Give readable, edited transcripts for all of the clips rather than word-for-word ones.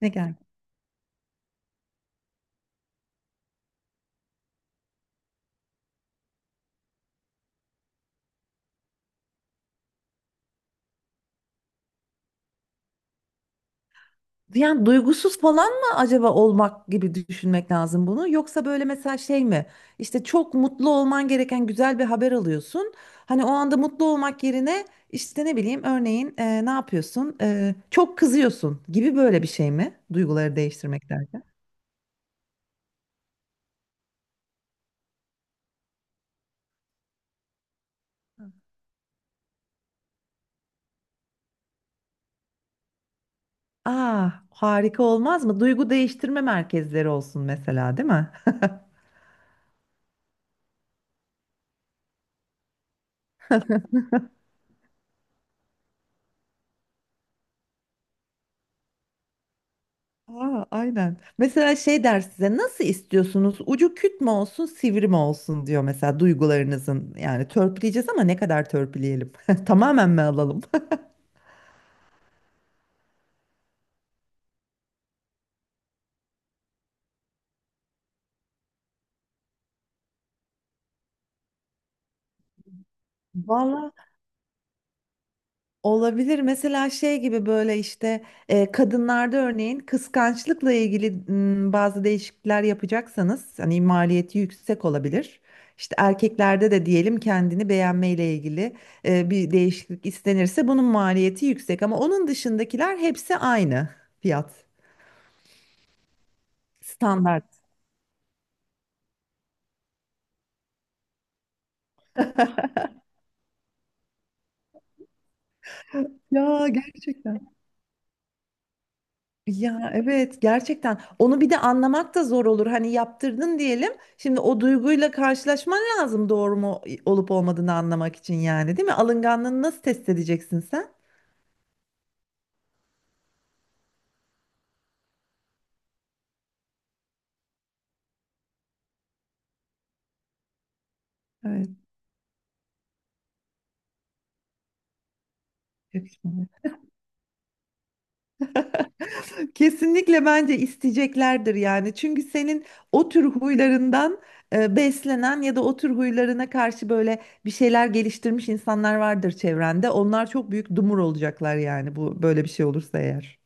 Ne geldi? Yani duygusuz falan mı acaba olmak gibi düşünmek lazım bunu? Yoksa böyle mesela şey mi? İşte çok mutlu olman gereken güzel bir haber alıyorsun. Hani o anda mutlu olmak yerine işte ne bileyim örneğin ne yapıyorsun? Çok kızıyorsun gibi böyle bir şey mi? Duyguları değiştirmek derken. Aa harika olmaz mı? Duygu değiştirme merkezleri olsun mesela değil mi? Aa, aynen. Mesela şey der size nasıl istiyorsunuz? Ucu küt mü olsun, sivri mi olsun diyor mesela duygularınızın. Yani törpüleyeceğiz ama ne kadar törpüleyelim? Tamamen mi alalım? Vallahi olabilir. Mesela şey gibi böyle işte kadınlarda örneğin kıskançlıkla ilgili bazı değişiklikler yapacaksanız hani maliyeti yüksek olabilir. İşte erkeklerde de diyelim kendini beğenmeyle ilgili bir değişiklik istenirse bunun maliyeti yüksek ama onun dışındakiler hepsi aynı fiyat standart. Ya gerçekten. Ya evet gerçekten onu bir de anlamak da zor olur. Hani yaptırdın diyelim. Şimdi o duyguyla karşılaşman lazım doğru mu olup olmadığını anlamak için yani değil mi? Alınganlığını nasıl test edeceksin sen? Evet. Yakışmadı. Kesinlikle bence isteyeceklerdir yani. Çünkü senin o tür huylarından beslenen ya da o tür huylarına karşı böyle bir şeyler geliştirmiş insanlar vardır çevrende. Onlar çok büyük dumur olacaklar yani bu böyle bir şey olursa eğer.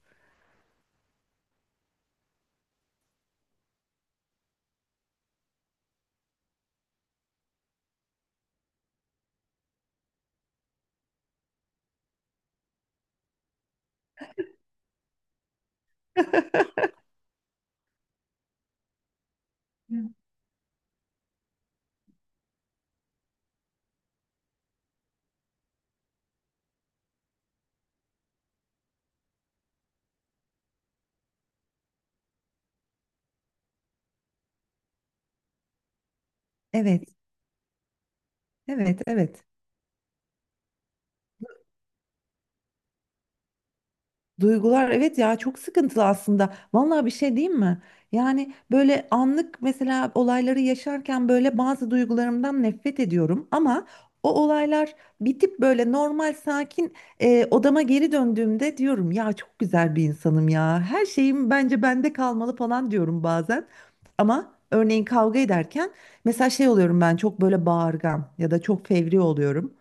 Evet, evet, evet. Duygular evet ya çok sıkıntılı aslında. Vallahi bir şey diyeyim mi? Yani böyle anlık mesela olayları yaşarken böyle bazı duygularımdan nefret ediyorum ama o olaylar bitip böyle normal sakin odama geri döndüğümde diyorum ya çok güzel bir insanım ya. Her şeyim bence bende kalmalı falan diyorum bazen. Ama örneğin kavga ederken mesela şey oluyorum ben çok böyle bağırgan ya da çok fevri oluyorum.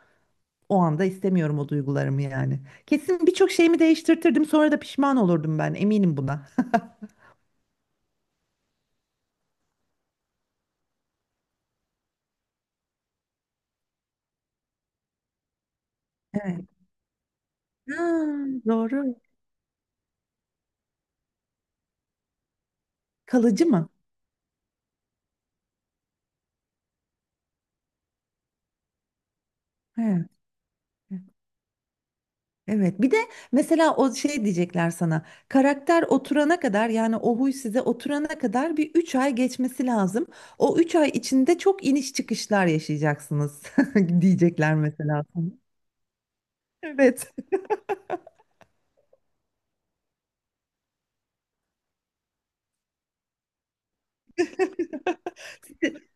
O anda istemiyorum o duygularımı yani. Kesin birçok şeyimi değiştirtirdim sonra da pişman olurdum ben eminim buna. Evet. Ha, doğru. Kalıcı mı? Evet. Evet. Evet. Bir de mesela o şey diyecekler sana. Karakter oturana kadar yani o huy size oturana kadar bir 3 ay geçmesi lazım. O 3 ay içinde çok iniş çıkışlar yaşayacaksınız diyecekler mesela sana. Evet.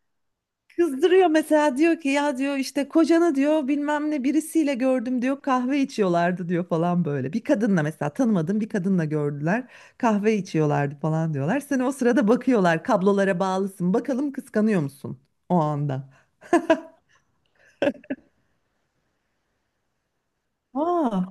Kızdırıyor mesela diyor ki ya diyor işte kocanı diyor bilmem ne birisiyle gördüm diyor kahve içiyorlardı diyor falan böyle. Bir kadınla mesela tanımadığım bir kadınla gördüler kahve içiyorlardı falan diyorlar. Sen o sırada bakıyorlar kablolara bağlısın bakalım kıskanıyor musun o anda? Aa.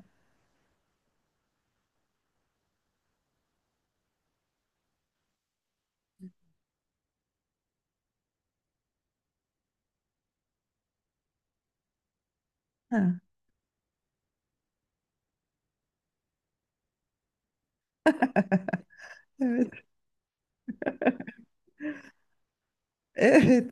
Ha, evet evet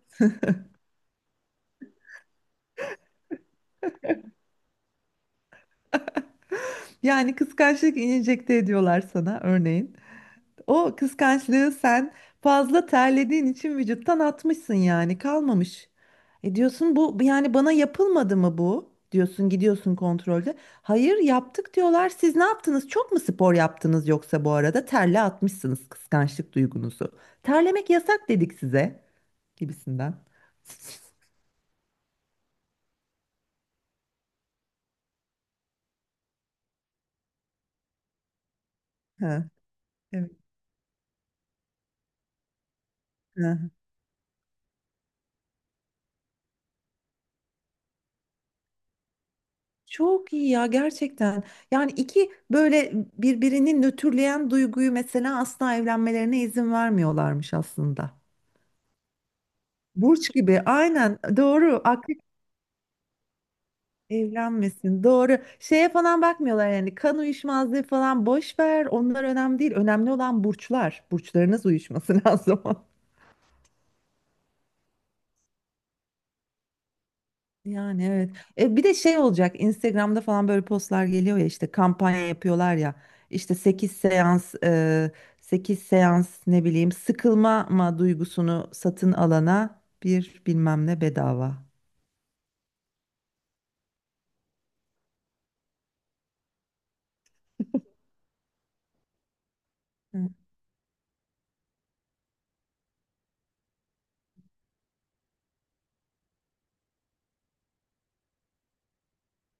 yani kıskançlık enjekte ediyorlar sana örneğin. O kıskançlığı sen fazla terlediğin için vücuttan atmışsın yani kalmamış. E diyorsun bu yani bana yapılmadı mı bu? Diyorsun gidiyorsun kontrolde. Hayır yaptık diyorlar. Siz ne yaptınız? Çok mu spor yaptınız yoksa bu arada terle atmışsınız kıskançlık duygunuzu. Terlemek yasak dedik size gibisinden. Ha, evet. Çok iyi ya gerçekten. Yani iki böyle birbirini nötrleyen duyguyu mesela asla evlenmelerine izin vermiyorlarmış aslında. Burç gibi aynen doğru akrep evlenmesin doğru. Şeye falan bakmıyorlar yani kan uyuşmazlığı falan boş ver onlar önemli değil. Önemli olan burçlar. Burçlarınız uyuşması lazım. Yani evet. Bir de şey olacak. Instagram'da falan böyle postlar geliyor ya işte kampanya yapıyorlar ya. İşte 8 seans 8 seans ne bileyim Sıkılma ma duygusunu satın alana bir bilmem ne bedava. Hı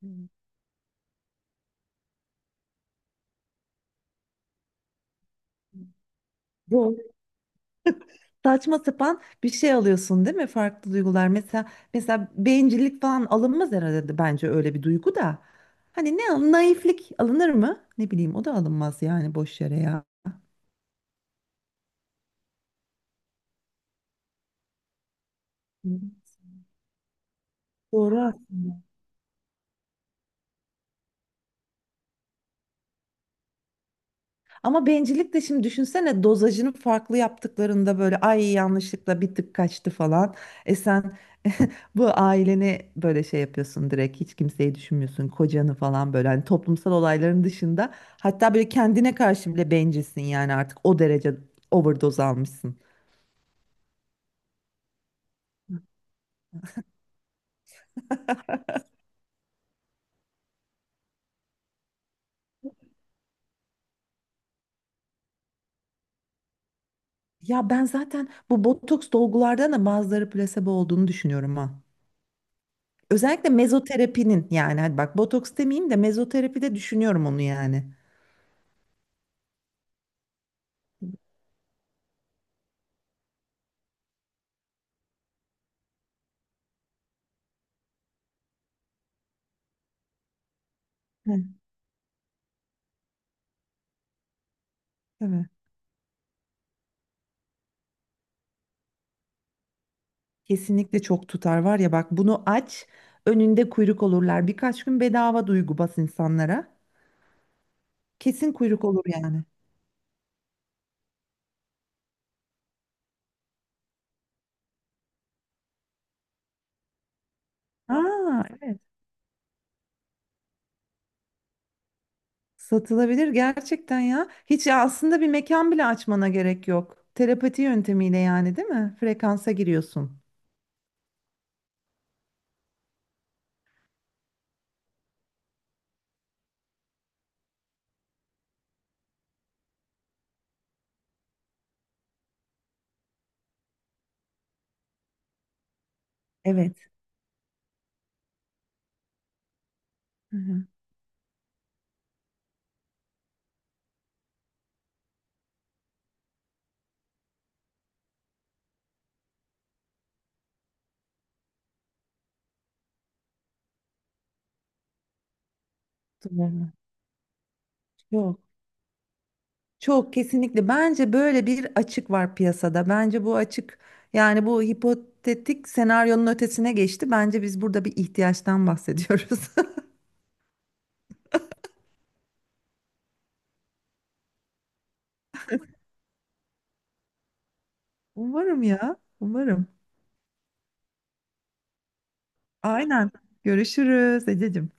hı. Bu saçma sapan bir şey alıyorsun değil mi? Farklı duygular. Mesela bencillik falan alınmaz herhalde bence öyle bir duygu da. Hani naiflik alınır mı? Ne bileyim o da alınmaz yani boş yere ya. Hı. Doğru. Ama bencillik de şimdi düşünsene dozajını farklı yaptıklarında böyle ay yanlışlıkla bir tık kaçtı falan. E sen bu aileni böyle şey yapıyorsun direkt hiç kimseyi düşünmüyorsun kocanı falan böyle hani toplumsal olayların dışında. Hatta böyle kendine karşı bile bencilsin yani artık o derece overdose almışsın. Ya ben zaten bu botoks dolgulardan da bazıları plasebo olduğunu düşünüyorum ha. Özellikle mezoterapinin yani hadi bak botoks demeyeyim de mezoterapide düşünüyorum onu yani. Hı, tabii. Kesinlikle çok tutar var ya bak bunu aç önünde kuyruk olurlar. Birkaç gün bedava duygu bas insanlara. Kesin kuyruk olur yani. Aa evet. Satılabilir gerçekten ya. Hiç aslında bir mekan bile açmana gerek yok. Terapati yöntemiyle yani değil mi? Frekansa giriyorsun. Evet. Hı hı. Doğru. Yok. Çok kesinlikle. Bence böyle bir açık var piyasada. Bence bu açık yani bu hipotetik senaryonun ötesine geçti. Bence biz burada bir ihtiyaçtan bahsediyoruz. Umarım ya. Umarım. Aynen. Görüşürüz Ececiğim.